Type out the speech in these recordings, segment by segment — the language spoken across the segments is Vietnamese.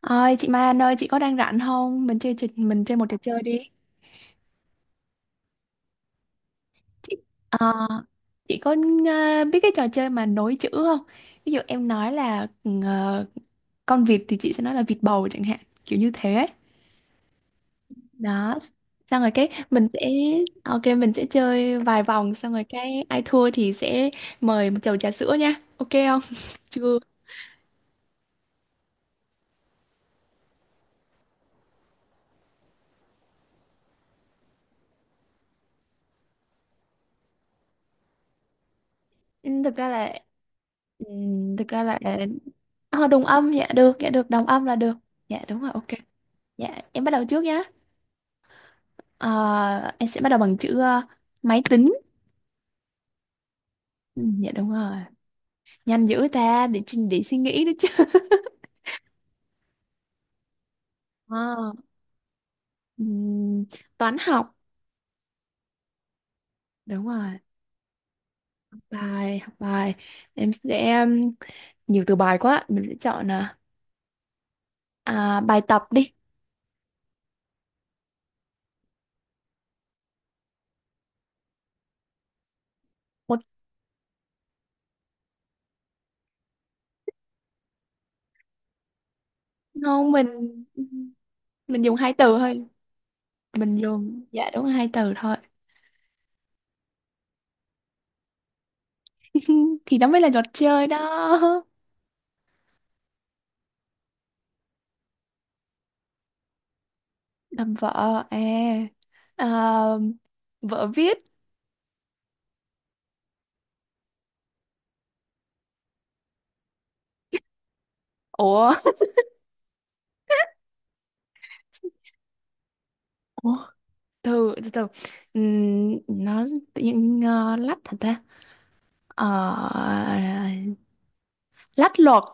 Ơi chị Mai Anh ơi, chị có đang rảnh không? Mình chơi mình chơi một trò chơi đi. Chị ờ, chị có, biết cái trò chơi mà nối chữ không? Ví dụ em nói là ờ, con vịt thì chị sẽ nói là vịt bầu chẳng hạn, kiểu như thế ấy. Đó. Xong rồi cái mình sẽ chơi vài vòng, xong rồi cái ai thua thì sẽ mời một chầu trà sữa nha. Ok không? Chưa. Ừ, thực ra là, ừ, thực ra là ờ, đồng âm, dạ được, đồng âm là được. Dạ đúng rồi, ok. Dạ em bắt đầu trước nhá. Ờ, em sẽ bắt đầu bằng chữ, máy tính. Ừ, dạ đúng rồi. Nhanh dữ ta, để trình để suy nghĩ đấy chứ. Ờ, ừm, toán học. Đúng rồi. Bài học, bài. Em sẽ, nhiều từ bài quá. Mình sẽ chọn, bài tập đi. Một không. Mình dùng hai từ thôi. Mình dùng, dạ đúng là hai từ thôi. Thì đó mới là trò chơi đó. Làm vợ à, à vợ viết. Ủa? Ủa? Từ từ từ nó tự nhiên, lách hả ta? Ờ, lách luật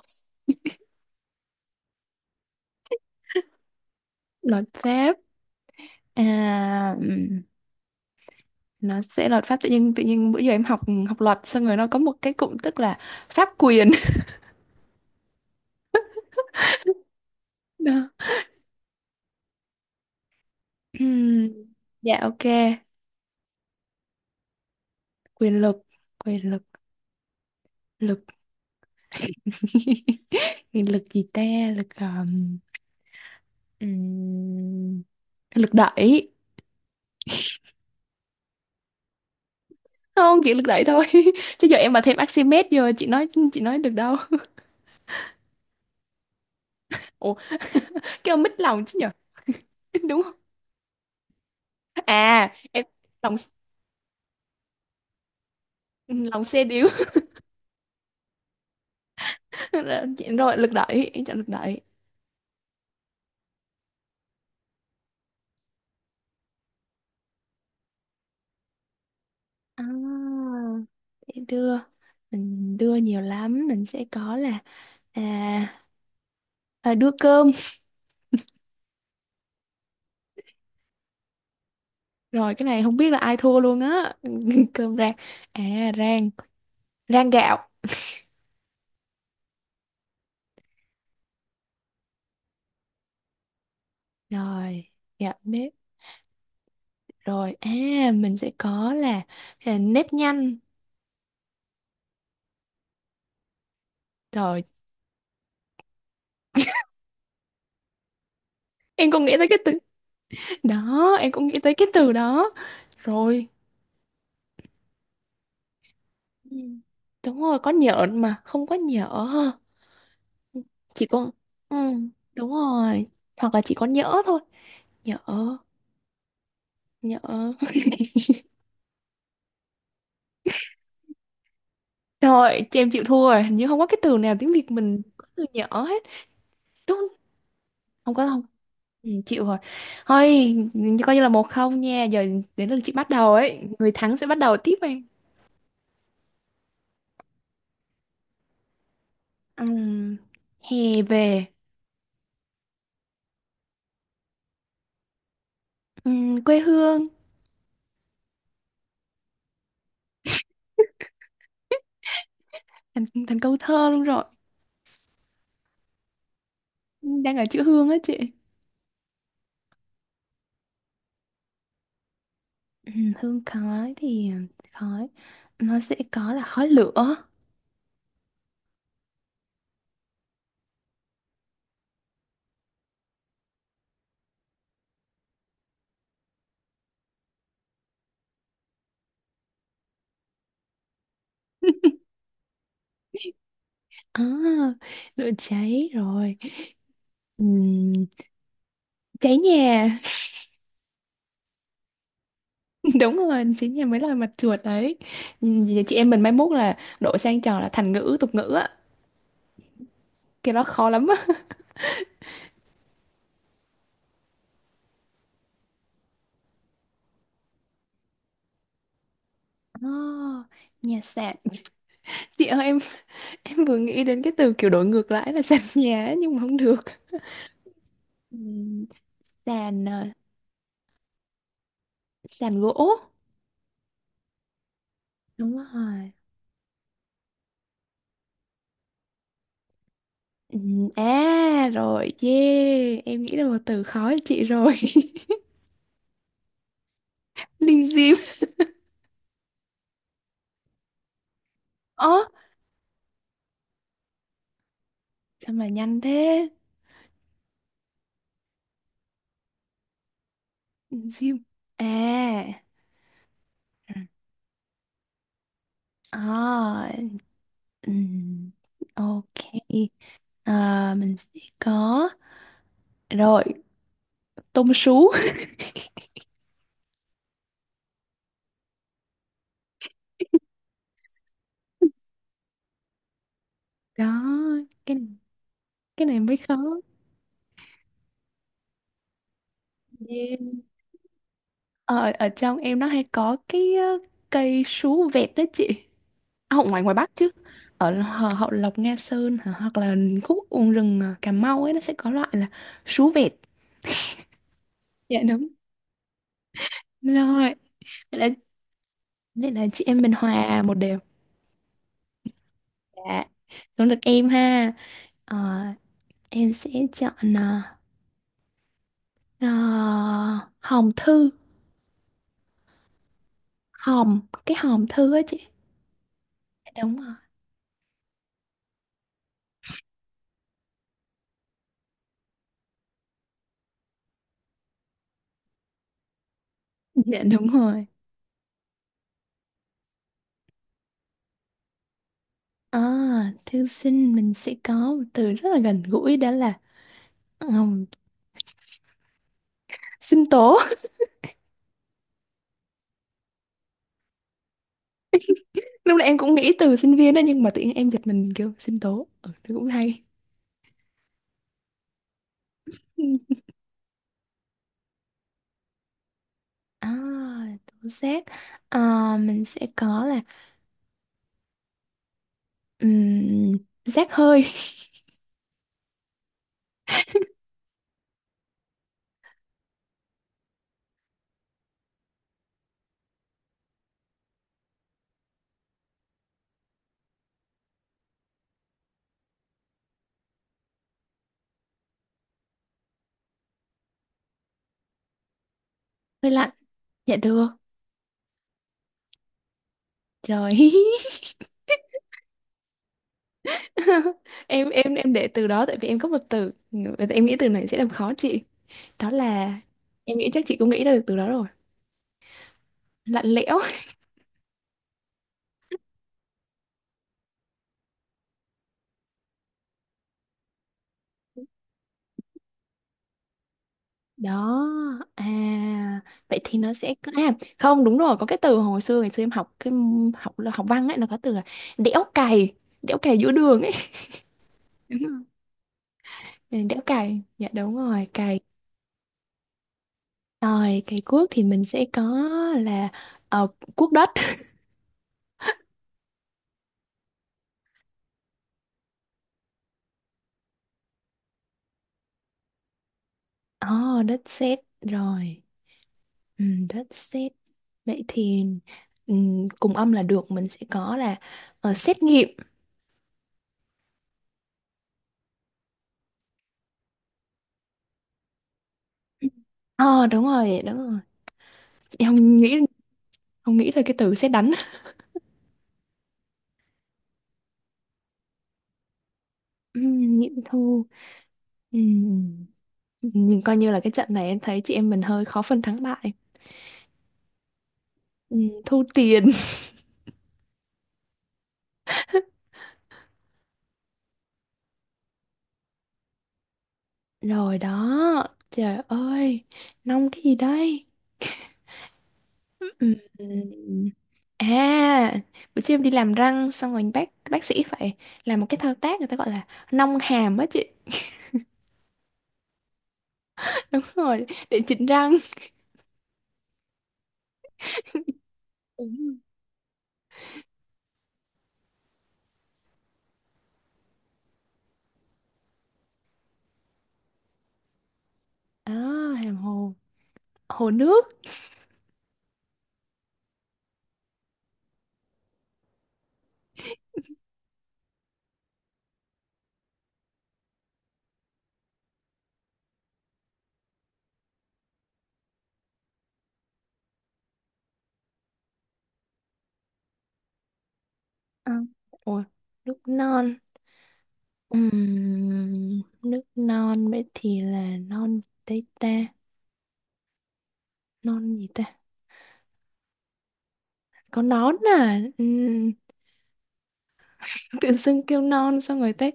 luật pháp. à, ừm, nó sẽ luật pháp, tự nhiên bữa giờ em học học luật xong rồi nó có một cái cụm tức là pháp quyền. Đó. Ừm, dạ ok. Quyền lực. quyền lực Lực. Cái lực gì ta? Lực, ừm, lực đẩy. Không chỉ lực đẩy thôi, chứ giờ em mà thêm Archimedes giờ chị nói được đâu. Ủa, cái ông mít lòng chứ nhở? Đúng không? À em, lòng lòng xe điếu. Rồi lực đẩy, em chọn lực đẩy. à, để đưa, mình đưa nhiều lắm, mình sẽ có là, à, đưa cơm. Rồi cái này không biết là ai thua luôn á. Cơm rang. À rang rang gạo. Rồi gạo nếp. Rồi, à mình sẽ có là, nếp nhanh. Rồi em còn nghĩ tới cái từ, đó, em cũng nghĩ tới cái từ đó. Rồi. Ừ, đúng rồi, có nhện mà, không có nhỡ ha. Chỉ có, ừ, đúng rồi. Hoặc là chỉ có nhỡ thôi. Nhỡ, nhỡ. Rồi, chị em chịu thua rồi, hình như không có cái từ nào tiếng Việt mình có từ nhỡ hết. Đúng, không. Không có không? Ừ, chịu rồi. Thôi, coi như là một không nha. Giờ đến lượt chị bắt đầu ấy. Người thắng sẽ bắt đầu tiếp em. Ừm, Hè về. Quê hương, thành, thành câu thơ luôn rồi. Đang ở chữ hương á chị. Ừ, hương khói thì, khói nó sẽ có là khói lửa. À, lửa cháy rồi. Ừm, Cháy nhà. Đúng rồi, cháy nhà mới là mặt chuột đấy. Vậy chị em mình mai mốt là đổi sang trò là thành ngữ tục ngữ á, cái đó khó lắm á. À, nhà sàn. Chị ơi em vừa nghĩ đến cái từ kiểu đổi ngược lại là sàn nhà ấy, nhưng mà không được. Ừm, Sàn, sàn gỗ. Đúng rồi. Ừ, à rồi, yeah. Em nghĩ là một từ khó cho chị rồi. Linh Diêm. Ơ, sao mà nhanh thế? Linh Diêm. À. À, ừm, ok. À, mình sẽ có, rồi tôm sú. Đó, cái cái này mới khó. Yeah. Ở ở trong em nó hay có cái, cây sú vẹt đó chị. À, hậu ngoài, ngoài Bắc chứ. Ở Hậu, Hậu Lộc Nga Sơn hả? Hoặc là khúc Uông Rừng à, Cà Mau ấy, nó sẽ có loại là sú vẹt. Dạ đúng rồi. Vậy là, vậy là chị em mình hòa một đều. Dạ đúng, được em ha. Ờ, em sẽ chọn, à, hòm thư. Hòm, cái hòm thư á chị. Dạ, đúng rồi. Dạ đúng rồi. À, thư sinh, mình sẽ có một từ rất là gần gũi đó là, ừm, sinh tố. Lúc nãy em cũng nghĩ từ sinh viên đó, nhưng mà tự nhiên em giật mình kêu sinh tố, ừ, nó cũng hay. Ừ. À, tố giác. À, mình sẽ có là, um, giác hơi. Hơi lạnh. Dạ được. Rồi. Em để từ đó, tại vì em có một từ, em nghĩ từ này sẽ làm khó chị, đó là, em nghĩ chắc chị cũng nghĩ ra được từ đó rồi, lạnh lẽo. Đó, à, vậy thì nó sẽ, à không, đúng rồi, có cái từ hồi xưa ngày xưa em học cái học là học văn ấy, nó có từ là đẽo cày, đẽo cày giữa đường ấy. Đúng rồi. Ừ, đẽo cày, dạ đúng rồi, cày. Rồi cày cuốc thì mình sẽ có là, cuốc đất. Oh, đất sét rồi. Ừ, đất sét. Vậy thì, ừ, cùng âm là được, mình sẽ có là, xét nghiệm. Ờ đúng rồi, đúng rồi, em không nghĩ, không nghĩ ra cái từ xét đánh. Nghiệm thu. Ừm, Nhưng coi như là cái trận này em thấy chị em mình hơi khó phân thắng bại. Thu tiền. Rồi đó. Trời ơi, nong cái gì đây? Ừm, À, bữa trước em đi làm răng, xong rồi bác sĩ phải làm một cái thao tác, người ta gọi là nong hàm á chị. Đúng rồi, để chỉnh răng. Đúng. À, hàm hồ. Hồ nước. À, ủa, nước non. Nước non vậy thì là non tây ta, non gì ta, có nón à? Tự dưng kêu non, xong người ta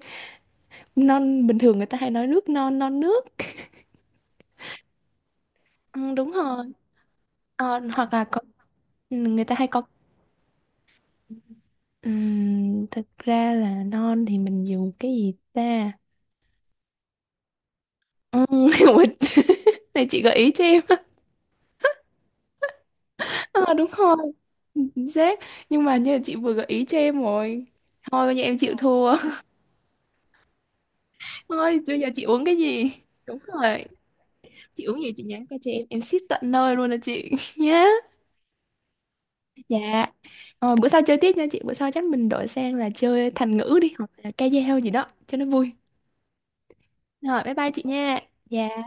non, bình thường người ta hay nói nước non, non nước. Ừ, đúng rồi. Ờ, hoặc là có, người ta hay có. Thực ra là non thì mình dùng cái gì ta? Ừm, Này chị gợi ý cho em. Ờ, đúng rồi, chính xác, nhưng mà như là chị vừa gợi ý cho em rồi, thôi bây giờ em chịu thua. Ơi bây giờ chị uống cái gì? Đúng rồi, chị uống gì chị nhắn qua cho em ship tận nơi luôn nè chị, nhá. Dạ, bữa sau chơi tiếp nha chị, bữa sau chắc mình đổi sang là chơi thành ngữ đi, hoặc là ca dao gì đó cho nó vui. Rồi bye bye chị nha. Dạ.